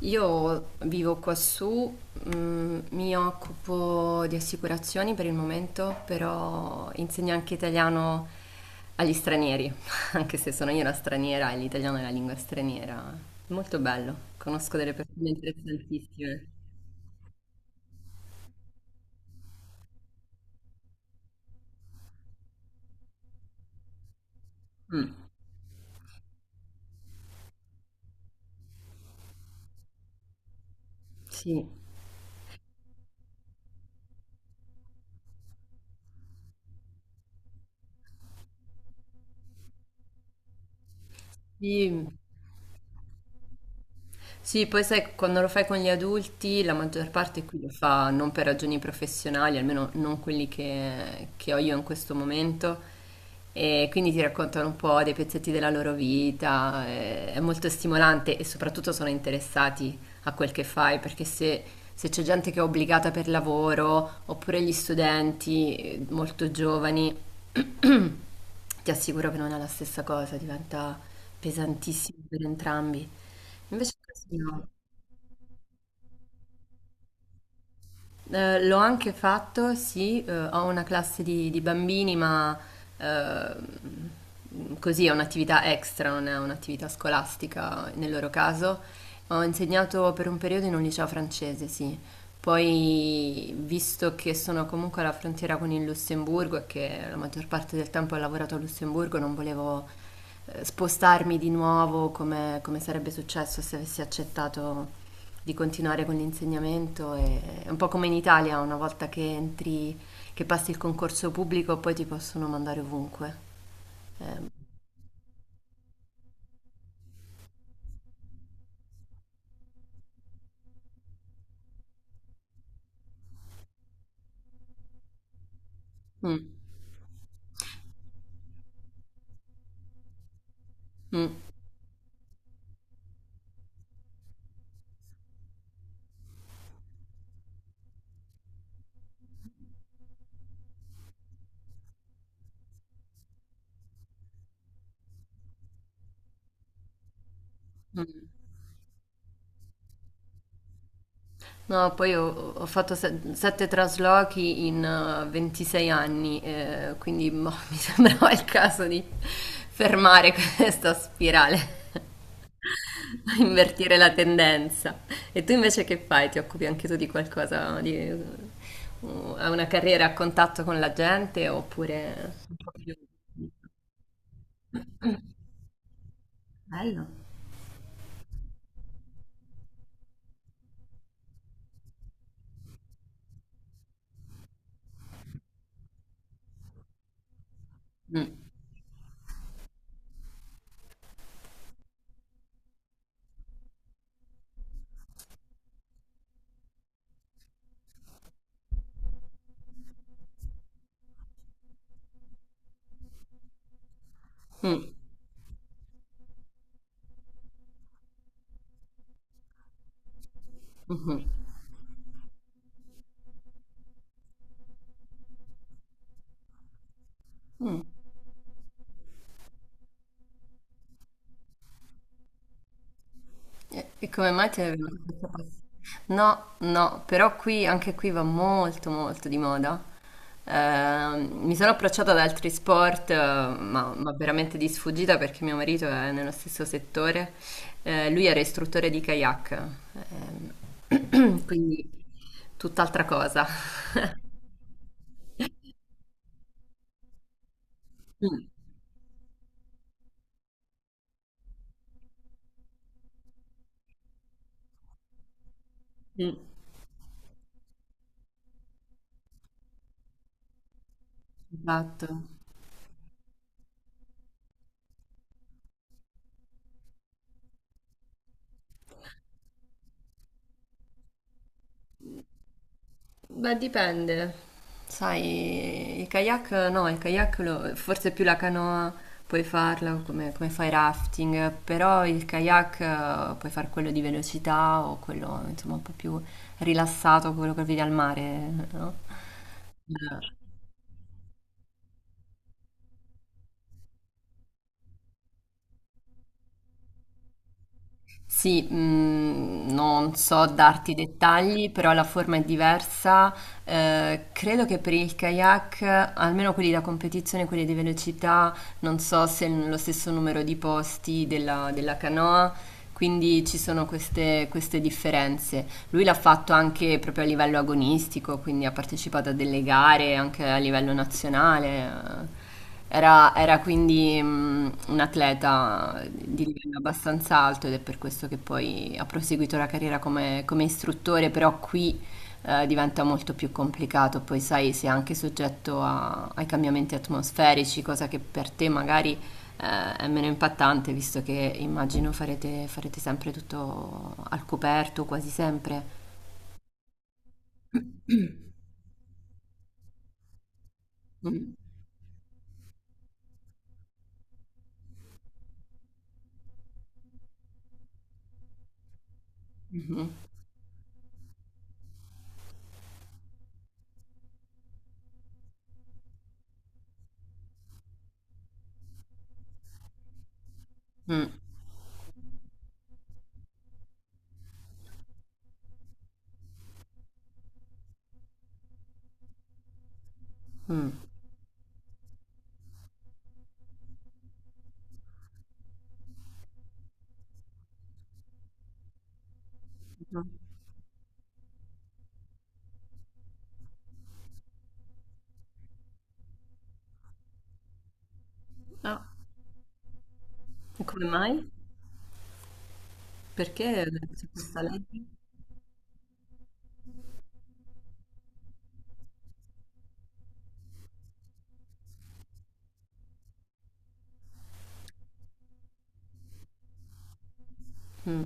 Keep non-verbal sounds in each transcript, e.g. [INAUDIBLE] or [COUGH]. Io vivo quassù, mhmm, mi occupo di assicurazioni per il momento, però insegno anche italiano agli stranieri, [LAUGHS] anche se sono io una straniera e l'italiano è la lingua straniera. Molto bello, conosco delle persone interessantissime. Mh, sì. Sì. Sì, poi sai, quando lo fai con gli adulti, la maggior parte qui lo fa non per ragioni professionali, almeno non quelli che ho io in questo momento, e quindi ti raccontano un po' dei pezzetti della loro vita, è molto stimolante e soprattutto sono interessati a quel che fai, perché se, se c'è gente che è obbligata per lavoro, oppure gli studenti molto giovani, ti assicuro che non è la stessa cosa, diventa pesantissimo per entrambi. Invece così no. L'ho anche fatto, sì, ho una classe di bambini, ma così è un'attività extra, non è un'attività scolastica nel loro caso. Ho insegnato per un periodo in un liceo francese, sì. Poi, visto che sono comunque alla frontiera con il Lussemburgo e che la maggior parte del tempo ho lavorato a Lussemburgo, non volevo spostarmi di nuovo come, come sarebbe successo se avessi accettato di continuare con l'insegnamento. È un po' come in Italia, una volta che entri, che passi il concorso pubblico, poi ti possono mandare ovunque. Eh, mm, mm, mm. No, poi ho fatto sette traslochi in 26 anni, quindi boh, [LAUGHS] mi sembrava il caso di fermare questa spirale, [LAUGHS] invertire la tendenza. E tu invece che fai? Ti occupi anche tu di qualcosa, di, hai una carriera a contatto con la gente oppure... Bello. Mm, mm, mhm, mm. E come mai ti avevano questa passione? No, no, però qui, anche qui va molto molto di moda. Mi sono approcciata ad altri sport, ma veramente di sfuggita perché mio marito è nello stesso settore. Lui era istruttore di kayak, [CLEARS THROAT] quindi tutt'altra cosa. [LAUGHS] Mm, mm, esatto. Beh, dipende. Sai, il kayak no, il kayak forse più la canoa puoi farla come, come fai rafting, però il kayak puoi fare quello di velocità o quello insomma un po' più rilassato, quello che vedi al mare, no? Sì, mm, non so darti dettagli, però la forma è diversa. Credo che per il kayak, almeno quelli da competizione, quelli di velocità, non so se hanno lo stesso numero di posti della, della canoa, quindi ci sono queste differenze. Lui l'ha fatto anche proprio a livello agonistico, quindi ha partecipato a delle gare anche a livello nazionale. Era quindi mm, un atleta di livello abbastanza alto ed è per questo che poi ha proseguito la carriera come, come istruttore, però qui diventa molto più complicato, poi sai, sei anche soggetto ai cambiamenti atmosferici, cosa che per te magari è meno impattante, visto che immagino farete, farete sempre tutto al coperto, quasi sempre. Mh. Mh-mh. Mh. Mh. Mh. Ah, e come mai? Perché c'è questa legge? Mh.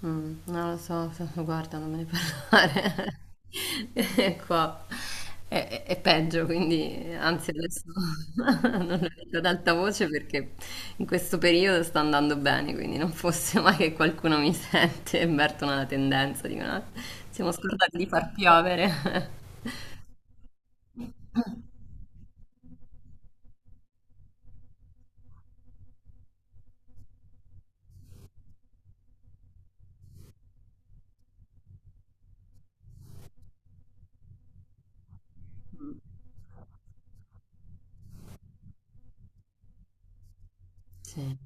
Mh. Non lo so, [LAUGHS] f guarda, non me ne parlare. [LAUGHS] E qua è peggio, quindi anzi adesso [LAUGHS] non lo dico ad alta voce perché in questo periodo sta andando bene, quindi non fosse mai che qualcuno mi sente e avvertono la tendenza, dicono: "Ah, siamo scordati di far piovere." [LAUGHS] Sì.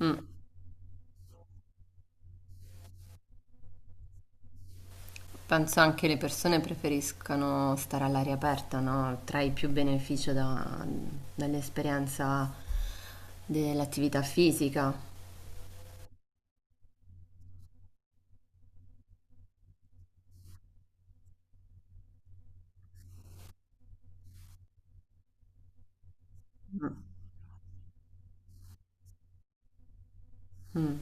Mh. Penso anche le persone preferiscano stare all'aria aperta, no? Trai più beneficio dall'esperienza dell'attività fisica. Mm.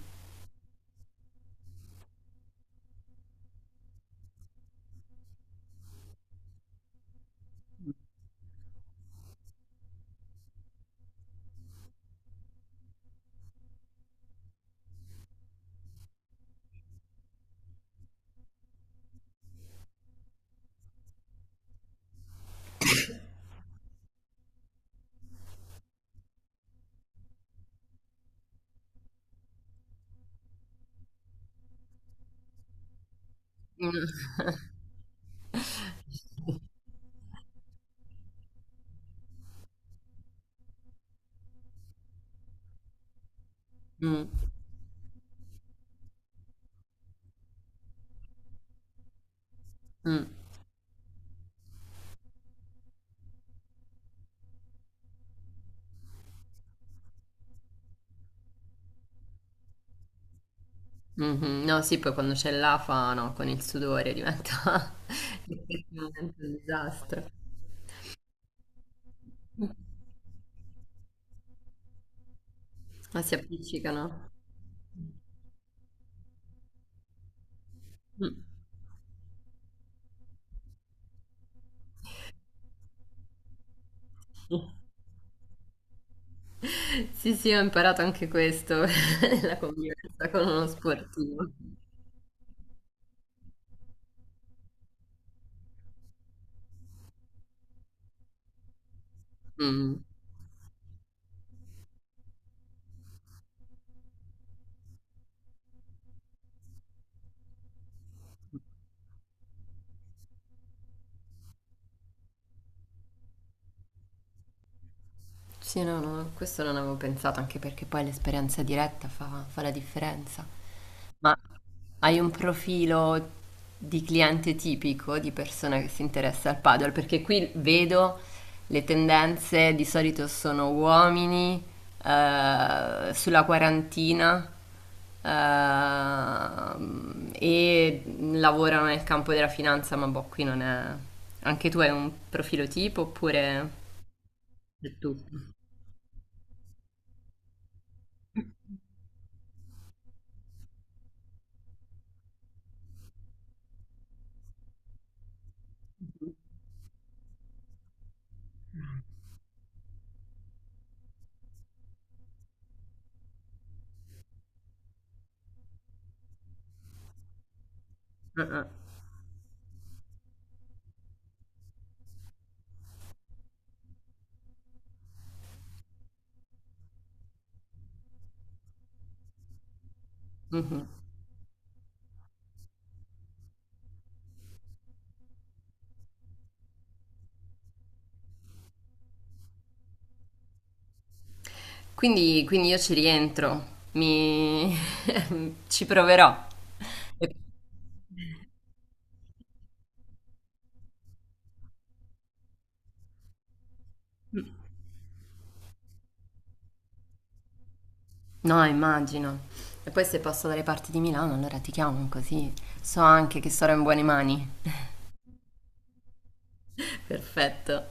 [LAUGHS] Mm. Mm. Mhm. No, sì, poi quando c'è l'afa, no, con il sudore diventa [LAUGHS] effettivamente un disastro. Ma si appiccicano. Mm. Sì, sì, ho imparato anche questo, [LAUGHS] la convivenza con uno sportivo. Mm. Sì, no, no, questo non avevo pensato, anche perché poi l'esperienza diretta fa la differenza. Ma hai un profilo di cliente tipico, di persona che si interessa al paddle? Perché qui vedo le tendenze, di solito sono uomini, sulla 40, e lavorano nel campo della finanza, ma boh, qui non è... Anche tu hai un profilo tipo oppure... È tutto. Mhm. Quindi io ci rientro, mi... [LAUGHS] ci proverò. E- No, immagino. E poi se passo dalle parti di Milano, allora ti chiamo così so anche che sarò in buone mani. [LAUGHS] Perfetto.